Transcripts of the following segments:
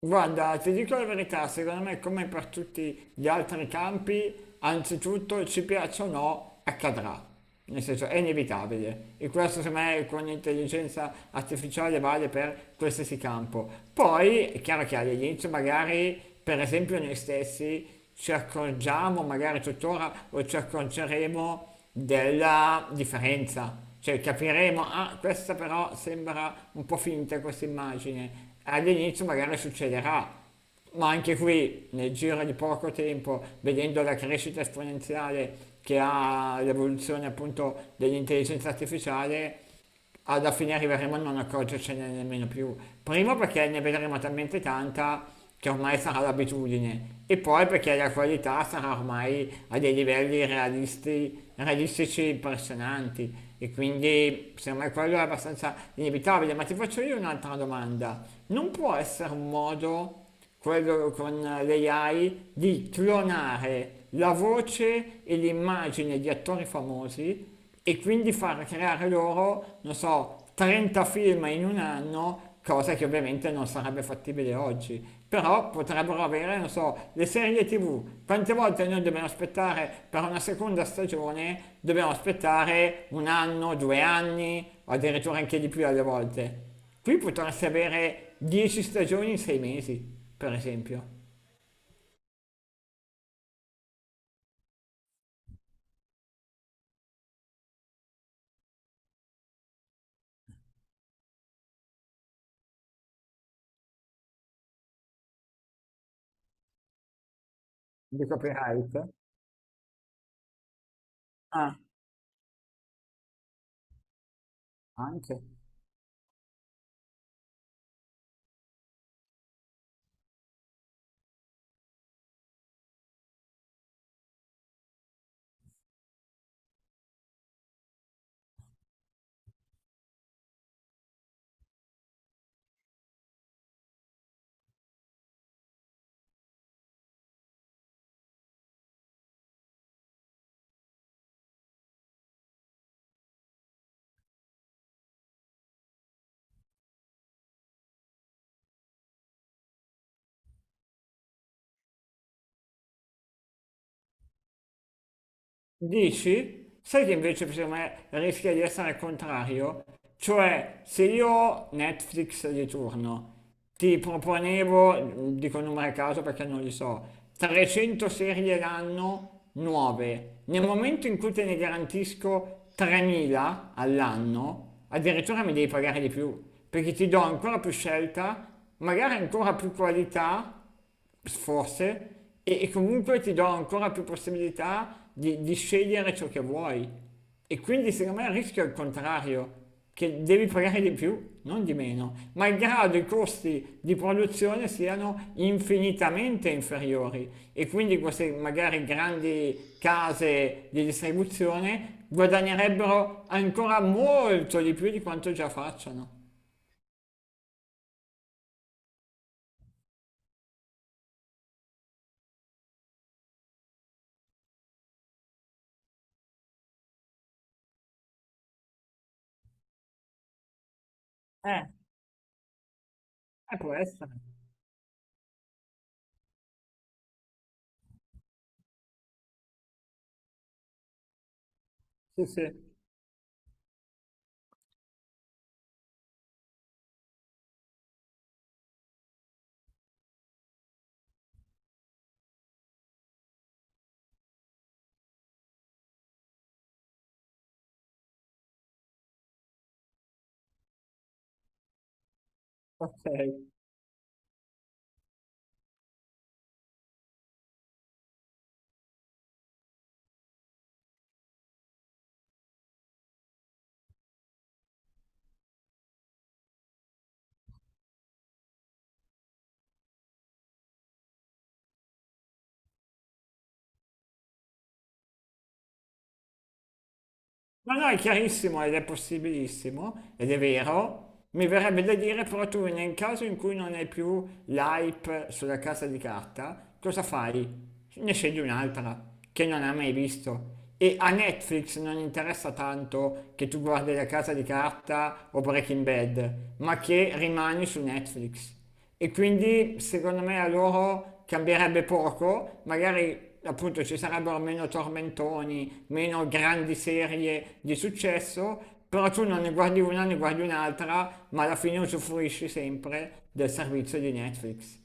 Guarda, ti dico la verità, secondo me come per tutti gli altri campi, anzitutto ci piaccia o no, accadrà. Nel senso, è inevitabile. E questo secondo me con l'intelligenza artificiale vale per qualsiasi campo. Poi è chiaro che all'inizio magari, per esempio noi stessi, ci accorgiamo, magari tuttora, o ci accorgeremo della differenza. Cioè capiremo, ah, questa però sembra un po' finta questa immagine, all'inizio magari succederà, ma anche qui nel giro di poco tempo, vedendo la crescita esponenziale che ha l'evoluzione appunto dell'intelligenza artificiale, alla fine arriveremo a non accorgercene nemmeno più. Primo perché ne vedremo talmente tanta che ormai sarà l'abitudine, e poi perché la qualità sarà ormai a dei livelli realistici impressionanti. E quindi secondo me quello è abbastanza inevitabile. Ma ti faccio io un'altra domanda. Non può essere un modo quello con l'AI, di clonare la voce e l'immagine di attori famosi e quindi far creare loro, non so, 30 film in un anno, cosa che ovviamente non sarebbe fattibile oggi. Però potrebbero avere, non so, le serie TV. Quante volte noi dobbiamo aspettare per una seconda stagione? Dobbiamo aspettare un anno, due anni, o addirittura anche di più alle volte. Qui potresti avere 10 stagioni in 6 mesi, per esempio. Di copyright? Ah, anche. Dici? Sai che invece secondo me rischia di essere il contrario? Cioè, se io Netflix di turno ti proponevo, dico numero a caso perché non li so, 300 serie l'anno nuove, nel momento in cui te ne garantisco 3.000 all'anno, addirittura mi devi pagare di più, perché ti do ancora più scelta, magari ancora più qualità forse, e comunque ti do ancora più possibilità di scegliere ciò che vuoi. E quindi secondo me il rischio è il contrario, che devi pagare di più, non di meno, malgrado i costi di produzione siano infinitamente inferiori. E quindi queste magari grandi case di distribuzione guadagnerebbero ancora molto di più di quanto già facciano. Eh, può essere. Sì, sì, ok. No, no, è chiarissimo ed è possibilissimo, ed è vero. Mi verrebbe da dire però tu nel caso in cui non hai più l'hype sulla casa di carta, cosa fai? Ne scegli un'altra che non hai mai visto. E a Netflix non interessa tanto che tu guardi la casa di carta o Breaking Bad, ma che rimani su Netflix. E quindi secondo me a loro cambierebbe poco, magari appunto ci sarebbero meno tormentoni, meno grandi serie di successo, però tu non ne guardi una, ne guardi un'altra, ma alla fine usufruisci sempre del servizio di Netflix.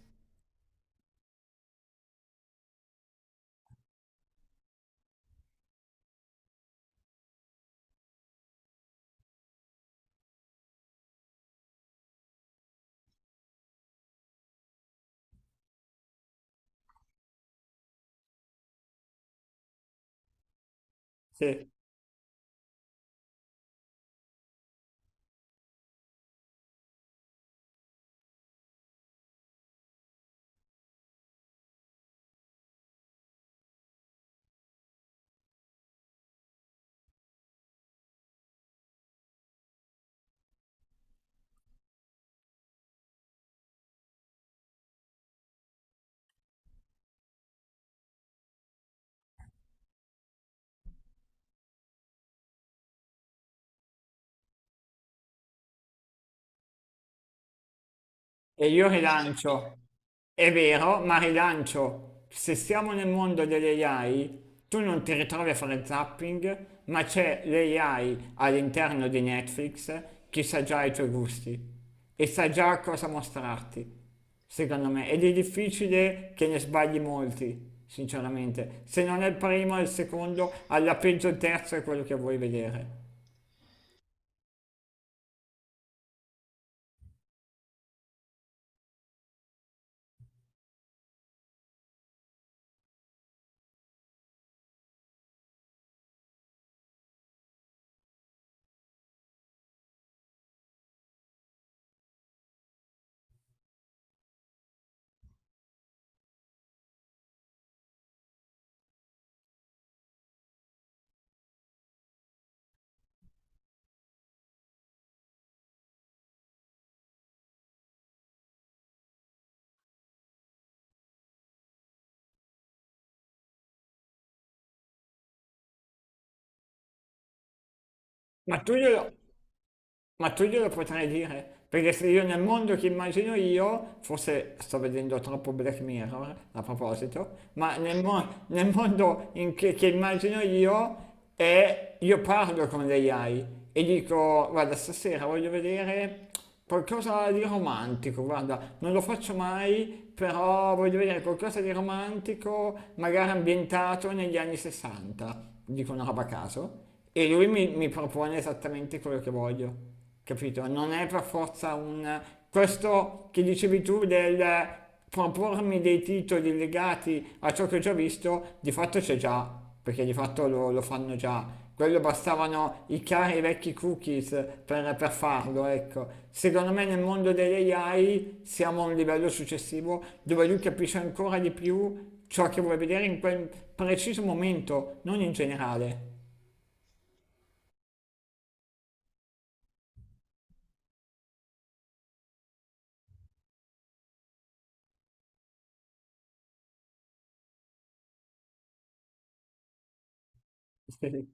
Sì. E io rilancio, è vero, ma rilancio, se siamo nel mondo delle AI, tu non ti ritrovi a fare zapping, ma c'è l'AI all'interno di Netflix che sa già i tuoi gusti e sa già cosa mostrarti, secondo me. Ed è difficile che ne sbagli molti, sinceramente. Se non è il primo, è il secondo, alla peggio il terzo è quello che vuoi vedere. Ma tu glielo, Ma tu glielo potrai dire, perché se io nel mondo che immagino io, forse sto vedendo troppo Black Mirror a proposito, ma nel mondo in che immagino io è, io parlo con l'AI e dico, guarda, stasera voglio vedere qualcosa di romantico, guarda, non lo faccio mai, però voglio vedere qualcosa di romantico, magari ambientato negli anni 60, dico una roba a caso, e lui mi propone esattamente quello che voglio, capito? Non è per forza un... Questo che dicevi tu del propormi dei titoli legati a ciò che ho già visto, di fatto c'è già, perché di fatto lo fanno già. Quello bastavano i cari vecchi cookies per, farlo, ecco. Secondo me nel mondo delle AI siamo a un livello successivo dove lui capisce ancora di più ciò che vuole vedere in quel preciso momento, non in generale. Sì.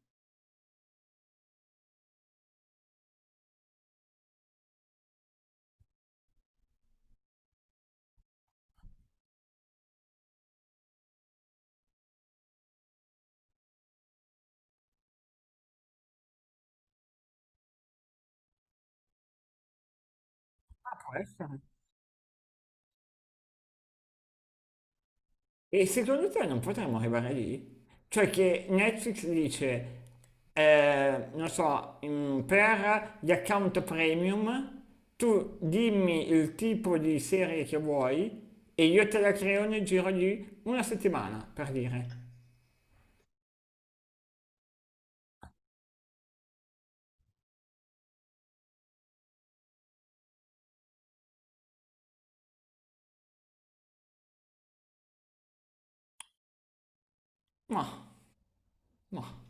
Ah, può essere. E secondo te non potremmo arrivare lì? Cioè che Netflix dice, non so, mm, per gli account premium tu dimmi il tipo di serie che vuoi e io te la creo nel giro di una settimana, per dire. Ma, ma,